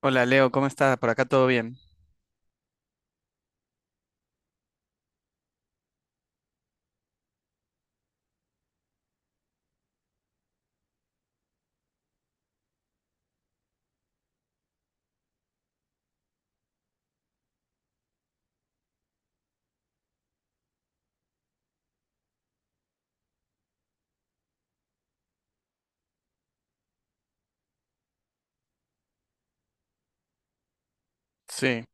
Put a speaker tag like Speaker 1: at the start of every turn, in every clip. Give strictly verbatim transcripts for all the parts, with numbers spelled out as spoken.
Speaker 1: Hola Leo, ¿cómo estás? Por acá todo bien. Sí,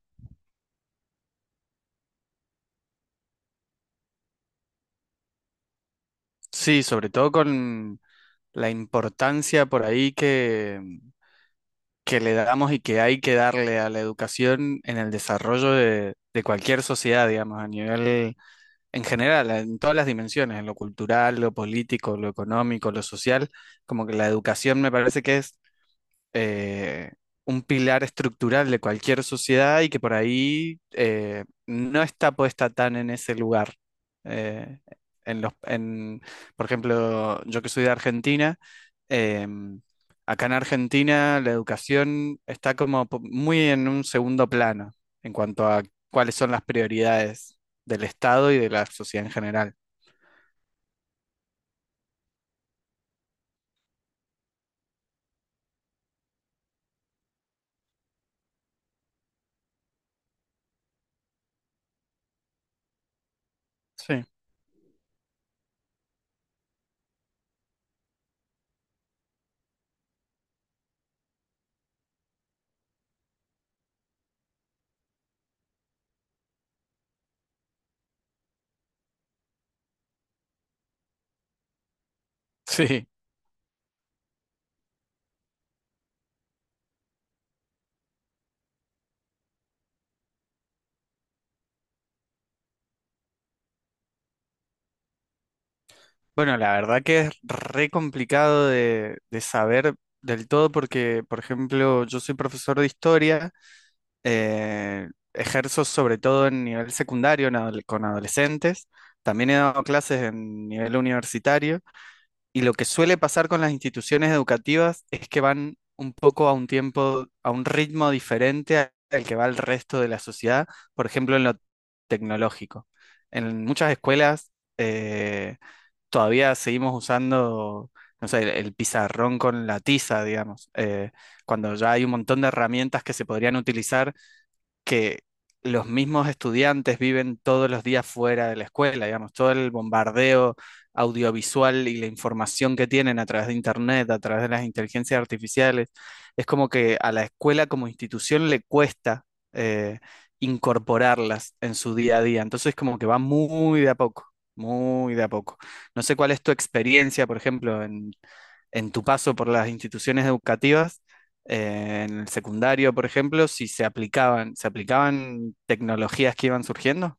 Speaker 1: sí, sobre todo con la importancia por ahí que, que le damos y que hay que darle a la educación en el desarrollo de, de cualquier sociedad, digamos, a nivel en general, en todas las dimensiones, en lo cultural, lo político, lo económico, lo social, como que la educación me parece que es eh, un pilar estructural de cualquier sociedad y que por ahí eh, no está puesta tan en ese lugar. Eh, en los, en, por ejemplo, yo que soy de Argentina, em, acá en Argentina la educación está como po- muy en un segundo plano en cuanto a cuáles son las prioridades del Estado y de la sociedad en general. Sí, sí. Bueno, la verdad que es re complicado de, de saber del todo porque, por ejemplo, yo soy profesor de historia, eh, ejerzo sobre todo en nivel secundario en adole- con adolescentes, también he dado clases en nivel universitario y lo que suele pasar con las instituciones educativas es que van un poco a un tiempo, a un ritmo diferente a- al que va el resto de la sociedad, por ejemplo, en lo tecnológico. En muchas escuelas... eh, todavía seguimos usando, no sé, el, el pizarrón con la tiza, digamos, eh, cuando ya hay un montón de herramientas que se podrían utilizar que los mismos estudiantes viven todos los días fuera de la escuela, digamos, todo el bombardeo audiovisual y la información que tienen a través de Internet, a través de las inteligencias artificiales, es como que a la escuela como institución le cuesta eh, incorporarlas en su día a día. Entonces, como que va muy de a poco, muy de a poco. No sé cuál es tu experiencia, por ejemplo, en, en tu paso por las instituciones educativas eh, en el secundario, por ejemplo, si se aplicaban, se aplicaban tecnologías que iban surgiendo.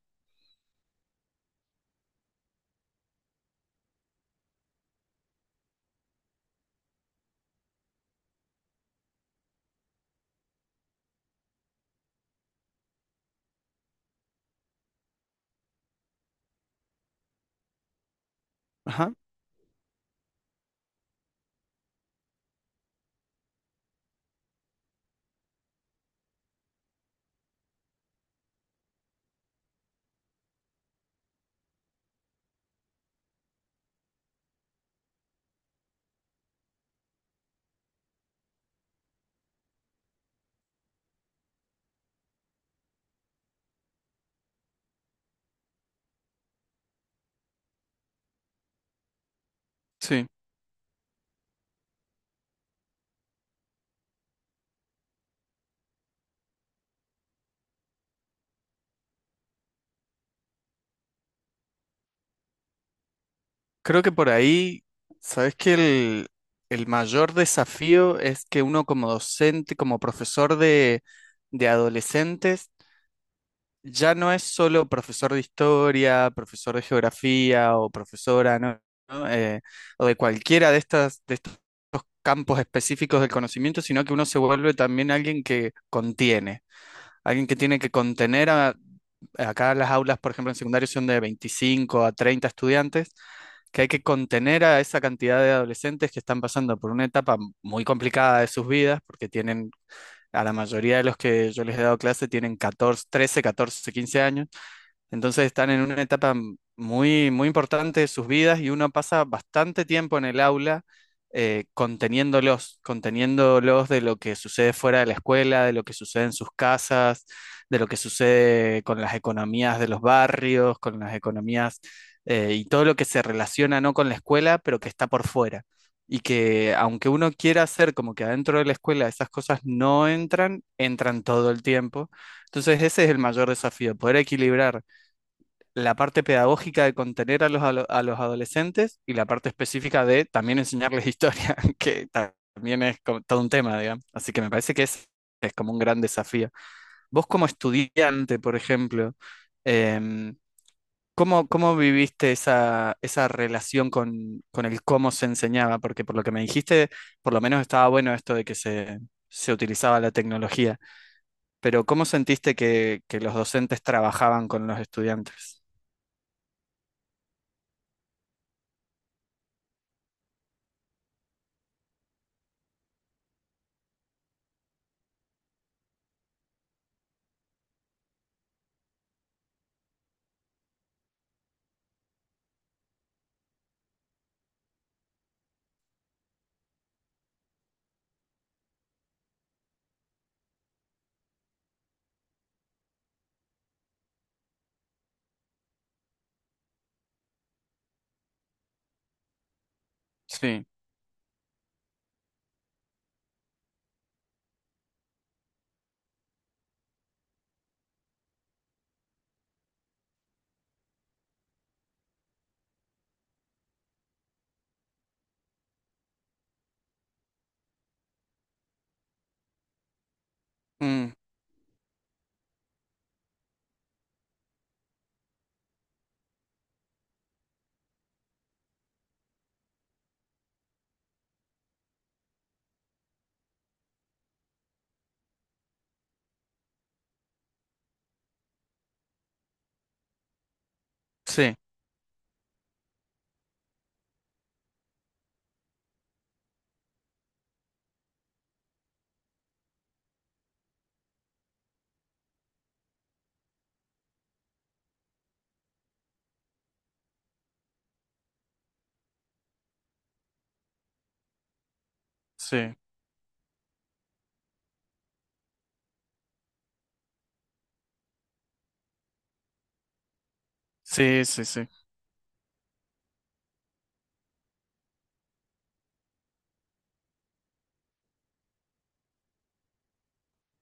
Speaker 1: Ajá, sí. Creo que por ahí, sabes que el, el mayor desafío es que uno como docente, como profesor de, de adolescentes, ya no es solo profesor de historia, profesor de geografía o profesora, ¿no? ¿No? Eh, o de cualquiera de estas, de estos campos específicos del conocimiento, sino que uno se vuelve también alguien que contiene. Alguien que tiene que contener a, acá las aulas, por ejemplo, en secundario son de veinticinco a treinta estudiantes, que hay que contener a esa cantidad de adolescentes que están pasando por una etapa muy complicada de sus vidas, porque tienen, a la mayoría de los que yo les he dado clase tienen catorce, trece, catorce, quince años, entonces están en una etapa m- muy, muy importante de sus vidas y uno pasa bastante tiempo en el aula eh, conteniéndolos, conteniéndolos de lo que sucede fuera de la escuela, de lo que sucede en sus casas, de lo que sucede con las economías de los barrios, con las economías eh, y todo lo que se relaciona no con la escuela, pero que está por fuera. Y que aunque uno quiera hacer como que adentro de la escuela esas cosas no entran, entran todo el tiempo. Entonces ese es el mayor desafío, poder equilibrar la parte pedagógica de contener a los, alo- a los adolescentes y la parte específica de también enseñarles historia, que ta- también es como todo un tema, digamos. Así que me parece que es, es como un gran desafío. Vos como estudiante, por ejemplo, em, ¿cómo, cómo viviste esa, esa relación con, con el cómo se enseñaba? Porque por lo que me dijiste, por lo menos estaba bueno esto de que se, se utilizaba la tecnología, pero ¿cómo sentiste que, que los docentes trabajaban con los estudiantes? Sí. Mm. Sí, sí, sí, sí, sí.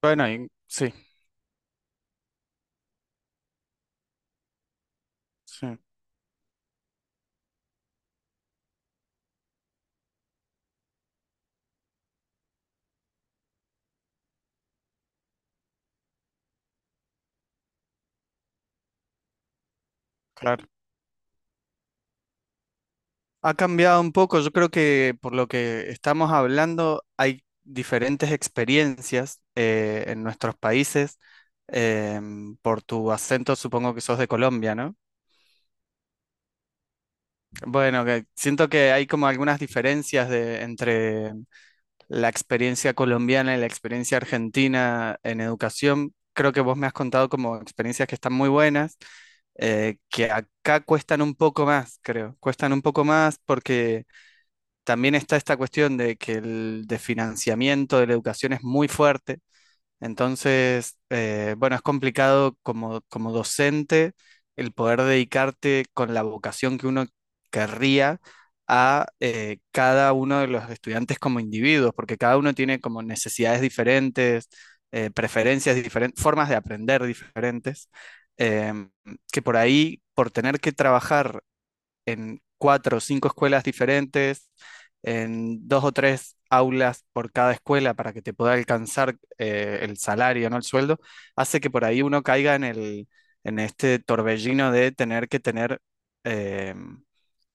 Speaker 1: Bueno, y- sí, sí, claro. Ha cambiado un poco, yo creo que por lo que estamos hablando hay diferentes experiencias eh, en nuestros países. Em, por tu acento supongo que sos de Colombia, ¿no? Bueno, que siento que hay como algunas diferencias de, entre la experiencia colombiana y la experiencia argentina en educación. Creo que vos me has contado como experiencias que están muy buenas, eh, que acá cuestan un poco más, creo. Cuestan un poco más porque también está esta cuestión de que el de financiamiento de la educación es muy fuerte entonces, eh, bueno, es complicado como, como docente el poder dedicarte con la vocación que uno querría a eh, cada uno de los estudiantes como individuos, porque cada uno tiene como necesidades diferentes, eh, preferencias diferentes, formas de aprender diferentes, em, que por ahí, por tener que trabajar en cuatro o cinco escuelas diferentes, en dos o tres aulas por cada escuela para que te pueda alcanzar eh, el salario, no el sueldo, hace que por ahí uno caiga en el, en este torbellino de tener que tener eh,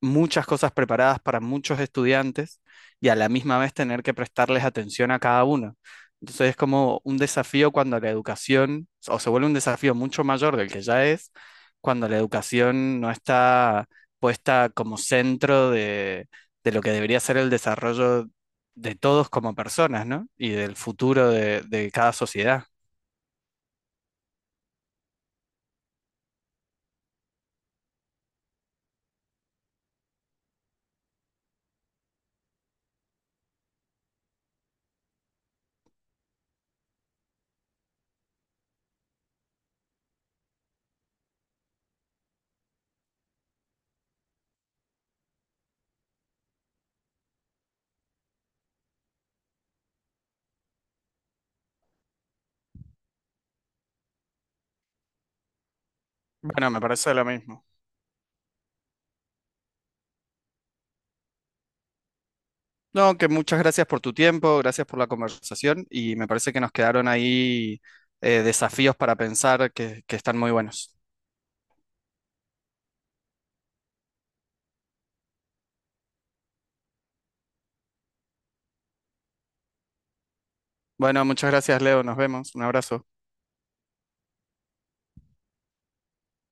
Speaker 1: muchas cosas preparadas para muchos estudiantes y a la misma vez tener que prestarles atención a cada uno. Entonces es como un desafío cuando la educación, o se vuelve un desafío mucho mayor del que ya es, cuando la educación no está puesta como centro de, de lo que debería ser el desarrollo de todos como personas, ¿no? Y del futuro de, de cada sociedad. Bueno, me parece lo mismo. No, que muchas gracias por tu tiempo, gracias por la conversación y me parece que nos quedaron ahí eh, desafíos para pensar que, que están muy buenos. Bueno, muchas gracias, Leo. Nos vemos. Un abrazo.